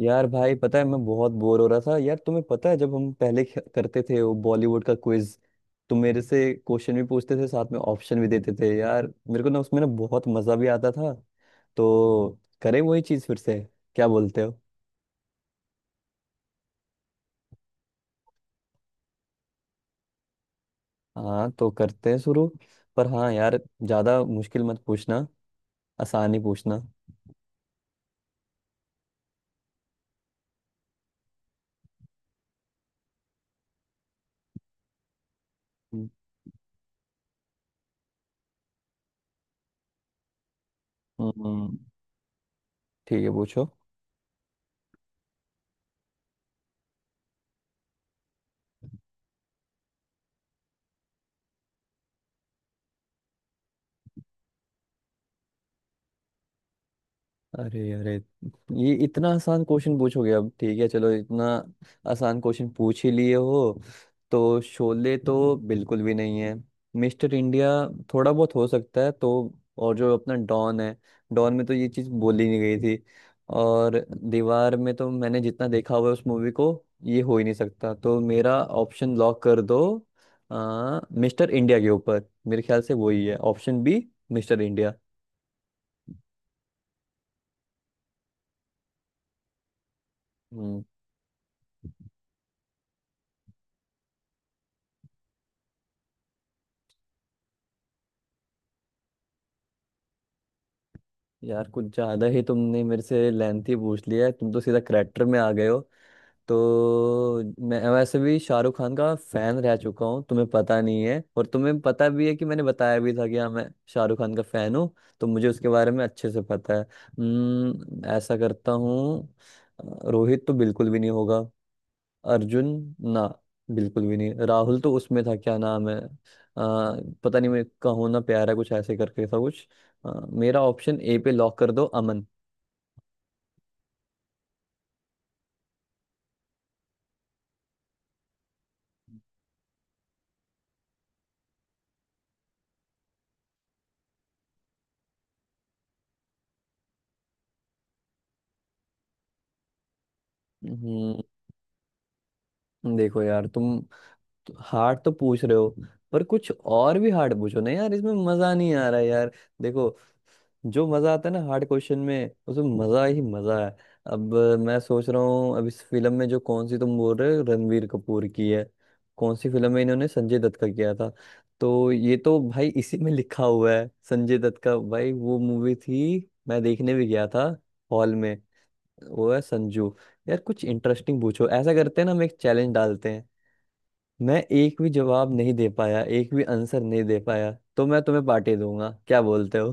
यार भाई पता है मैं बहुत बोर हो रहा था यार। तुम्हें पता है जब हम पहले करते थे वो बॉलीवुड का क्विज। तुम मेरे से क्वेश्चन भी पूछते थे, साथ में ऑप्शन भी देते थे यार। मेरे को ना उसमें ना बहुत मजा भी आता था। तो करें वही चीज फिर से? क्या बोलते हो? हाँ तो करते हैं शुरू। पर हाँ यार, ज्यादा मुश्किल मत पूछना, आसान ही पूछना। हम्म। हम्म, ठीक है पूछो। अरे अरे, ये इतना आसान क्वेश्चन पूछोगे? अब ठीक है चलो, इतना आसान क्वेश्चन पूछ ही लिए हो। तो शोले तो बिल्कुल भी नहीं है। मिस्टर इंडिया थोड़ा बहुत हो सकता है। तो और जो अपना डॉन है, डॉन में तो ये चीज़ बोली नहीं गई थी। और दीवार में तो मैंने जितना देखा हुआ है उस मूवी को, ये हो ही नहीं सकता। तो मेरा ऑप्शन लॉक कर दो मिस्टर इंडिया के ऊपर। मेरे ख्याल से वही है, ऑप्शन बी, मिस्टर इंडिया। हम्म। यार कुछ ज्यादा ही तुमने मेरे से लेंथी पूछ लिया है। तुम तो सीधा करेक्टर में आ गए हो। तो मैं वैसे भी शाहरुख खान का फैन रह चुका हूँ, तुम्हें पता नहीं है। और तुम्हें पता भी है कि मैंने बताया भी था कि हाँ मैं शाहरुख खान का फैन हूँ। तो मुझे उसके बारे में अच्छे से पता है। ऐसा करता हूँ। रोहित तो बिल्कुल भी नहीं होगा। अर्जुन? ना बिल्कुल भी नहीं। राहुल तो उसमें था, क्या नाम है? पता नहीं। मैं कहूँ ना प्यारा कुछ ऐसे करके था कुछ। मेरा ऑप्शन ए पे लॉक कर दो, अमन। हम्म देखो यार, तुम तो हार्ड तो पूछ रहे हो, पर कुछ और भी हार्ड पूछो ना यार, इसमें मजा नहीं आ रहा है यार। देखो, जो मजा आता है ना हार्ड क्वेश्चन में, उसमें मजा ही मजा है। अब मैं सोच रहा हूँ, अब इस फिल्म में जो कौन सी तुम बोल रहे हो रणवीर कपूर की है, कौन सी फिल्म में इन्होंने संजय दत्त का किया था। तो ये तो भाई इसी में लिखा हुआ है, संजय दत्त का भाई। वो मूवी थी, मैं देखने भी गया था हॉल में। वो है संजू। यार कुछ इंटरेस्टिंग पूछो। ऐसा करते हैं ना, हम एक चैलेंज डालते हैं। मैं एक भी जवाब नहीं दे पाया, एक भी आंसर नहीं दे पाया, तो मैं तुम्हें पार्टी दूंगा। क्या बोलते हो?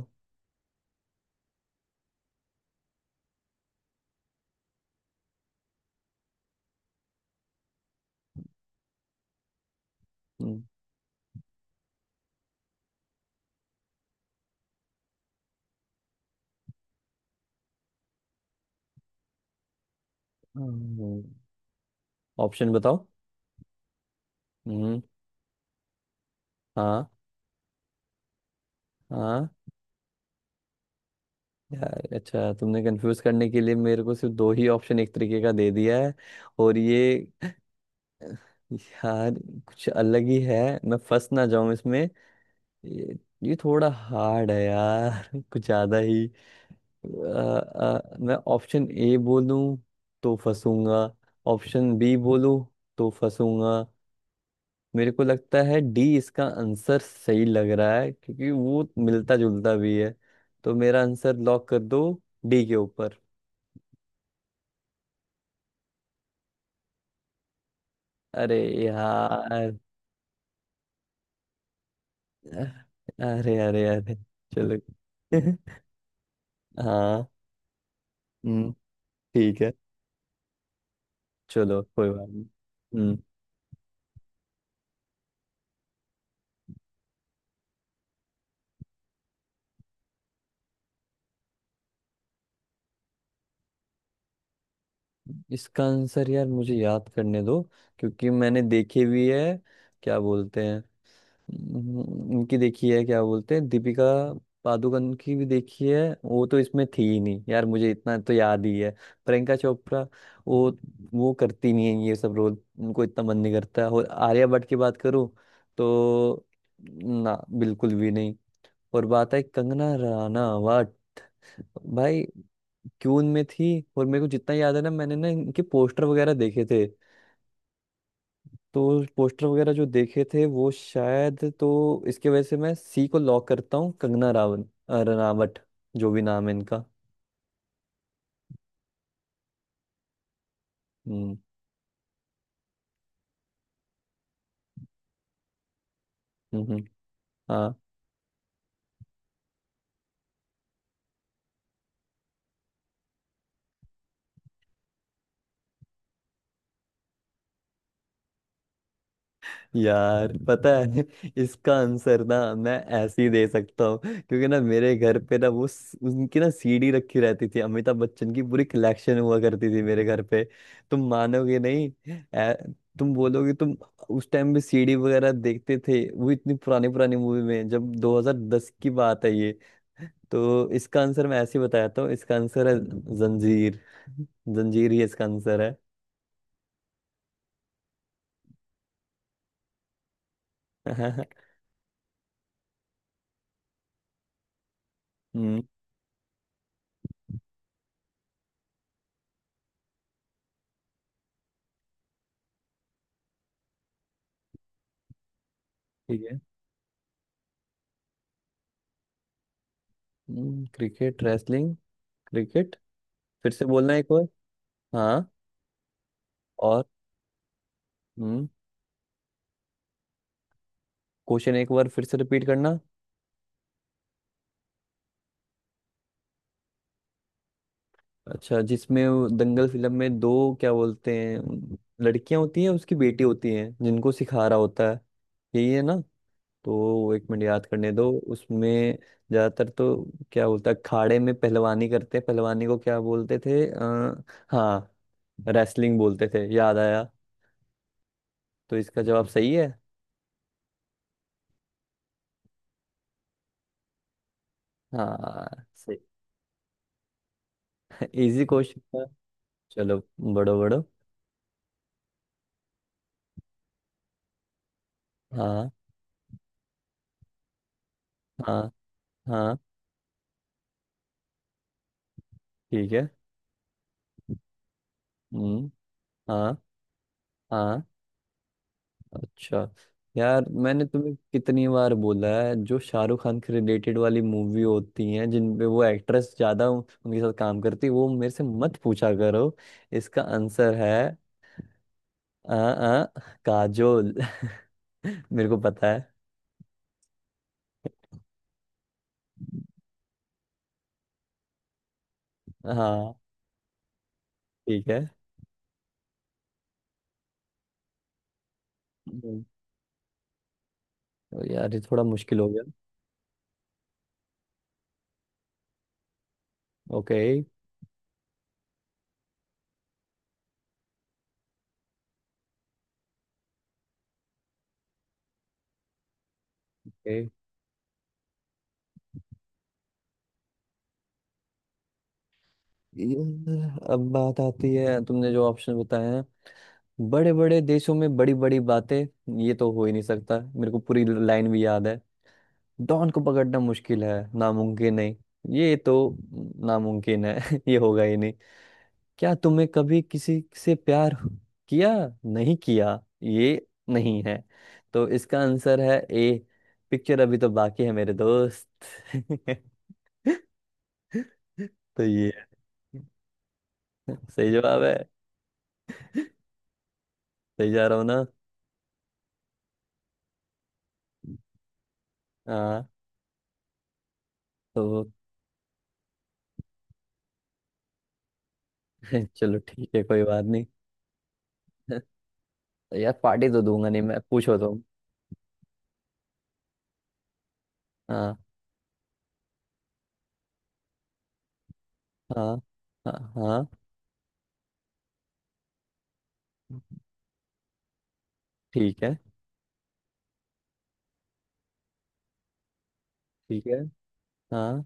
हम्म। ऑप्शन बताओ। हम्म। हाँ। हाँ। यार अच्छा, तुमने कंफ्यूज करने के लिए मेरे को सिर्फ दो ही ऑप्शन एक तरीके का दे दिया है। और ये यार कुछ अलग ही है, मैं फंस ना जाऊं इसमें। ये, ये थोड़ा हार्ड है यार कुछ ज्यादा ही। मैं ऑप्शन ए बोलूं तो फंसूंगा, ऑप्शन बी बोलूं तो फंसूंगा। मेरे को लगता है डी इसका आंसर सही लग रहा है, क्योंकि वो मिलता जुलता भी है। तो मेरा आंसर लॉक कर दो डी के ऊपर। अरे यार। अरे अरे अरे। चलो हाँ। हम्म। ठीक है चलो, कोई बात नहीं। हम्म। इसका आंसर यार मुझे याद करने दो, क्योंकि मैंने देखी भी है। क्या बोलते हैं, उनकी देखी है? क्या बोलते हैं, दीपिका पादुकोण की भी देखी है। वो तो इसमें थी ही नहीं यार, मुझे इतना तो याद ही है। प्रियंका चोपड़ा वो वो करती नहीं है ये सब रोल, उनको इतना मन नहीं करता। और आलिया भट्ट की बात करूँ तो ना, बिल्कुल भी नहीं। और बात है कंगना रनावत। भाई, क्यों उनमें थी? और मेरे को जितना याद है ना, मैंने ना इनके पोस्टर वगैरह देखे थे। तो पोस्टर वगैरह जो देखे थे, वो शायद तो इसके वजह से मैं सी को लॉक करता हूँ, कंगना रावल, रनावट, जो भी नाम है इनका। हम्म। हम्म। हाँ। यार पता है इसका आंसर ना मैं ऐसे ही दे सकता हूँ, क्योंकि ना मेरे घर पे ना वो उनकी ना सीडी रखी रहती थी। अमिताभ बच्चन की पूरी कलेक्शन हुआ करती थी मेरे घर पे। तुम मानोगे नहीं। ऐ- तुम बोलोगे, तुम उस टाइम भी सीडी वगैरह देखते थे वो इतनी पुरानी पुरानी मूवी? में जब 2010 की बात है ये। तो इसका आंसर मैं ऐसे ही बताता हूँ। इसका आंसर है जंजीर जंजीर ही इसका आंसर है। हम्म। ठीक है। Cricket, wrestling, cricket. फिर से बोलना एक बार। हाँ। और? हम्म। क्वेश्चन एक बार फिर से रिपीट करना। अच्छा, जिसमें वो दंगल फिल्म में दो, क्या बोलते हैं, लड़कियां होती हैं, उसकी बेटी होती हैं, जिनको सिखा रहा होता है, यही है ना? तो एक मिनट याद करने दो। उसमें ज्यादातर तो क्या बोलता है, अखाड़े में पहलवानी करते हैं। पहलवानी को क्या बोलते थे? हाँ, रेसलिंग बोलते थे, याद आया। तो इसका जवाब सही है। हाँ सही। इजी क्वेश्चन था। चलो, बड़ो बड़ो। हाँ। हाँ। हाँ। ठीक है। हम्म। हाँ। हाँ। अच्छा। यार मैंने तुम्हें कितनी बार बोला है, जो शाहरुख खान के रिलेटेड वाली मूवी होती हैं, जिन पे वो एक्ट्रेस ज्यादा उनके साथ काम करती है, वो मेरे से मत पूछा करो। इसका आंसर है आ, आ, काजोल मेरे को पता है। हाँ। ठीक है। हम्म, तो यार ये थोड़ा मुश्किल हो गया। ओके। ओके। अब बात आती है, तुमने जो ऑप्शन बताए हैं, बड़े बड़े देशों में बड़ी बड़ी बातें, ये तो हो ही नहीं सकता। मेरे को पूरी लाइन भी याद है। डॉन को पकड़ना मुश्किल है, नामुमकिन नहीं, ये तो नामुमकिन है ये होगा ही नहीं। क्या तुमने कभी किसी से प्यार किया, नहीं किया, ये नहीं है। तो इसका आंसर है ए, पिक्चर अभी तो बाकी है मेरे दोस्त तो ये है। सही जवाब है। सही जा रहा हूँ ना। हाँ तो चलो ठीक है, कोई बात नहीं। तो यार, पार्टी तो दूंगा नहीं मैं, पूछो तो। हाँ। हाँ। हाँ। हाँ। ठीक है। ठीक है। हाँ।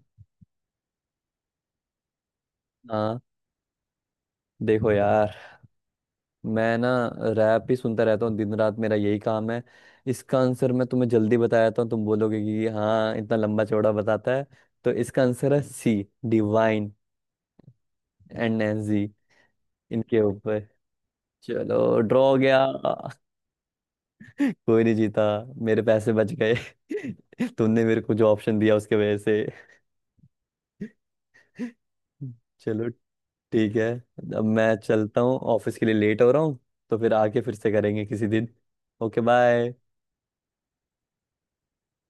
हाँ। देखो यार, मैं ना रैप ही सुनता रहता हूँ, दिन रात मेरा यही काम है। इसका आंसर मैं तुम्हें जल्दी बता देता हूँ, तुम बोलोगे कि हाँ इतना लंबा चौड़ा बताता है। तो इसका आंसर है सी, डिवाइन एंड नैंजी, इनके ऊपर। चलो ड्रॉ हो गया कोई नहीं जीता, मेरे पैसे बच गए तुमने मेरे को जो ऑप्शन दिया उसके वजह से चलो ठीक है। अब मैं चलता हूँ, ऑफिस के लिए लेट हो रहा हूँ। तो फिर आके फिर से करेंगे किसी दिन। Okay, bye.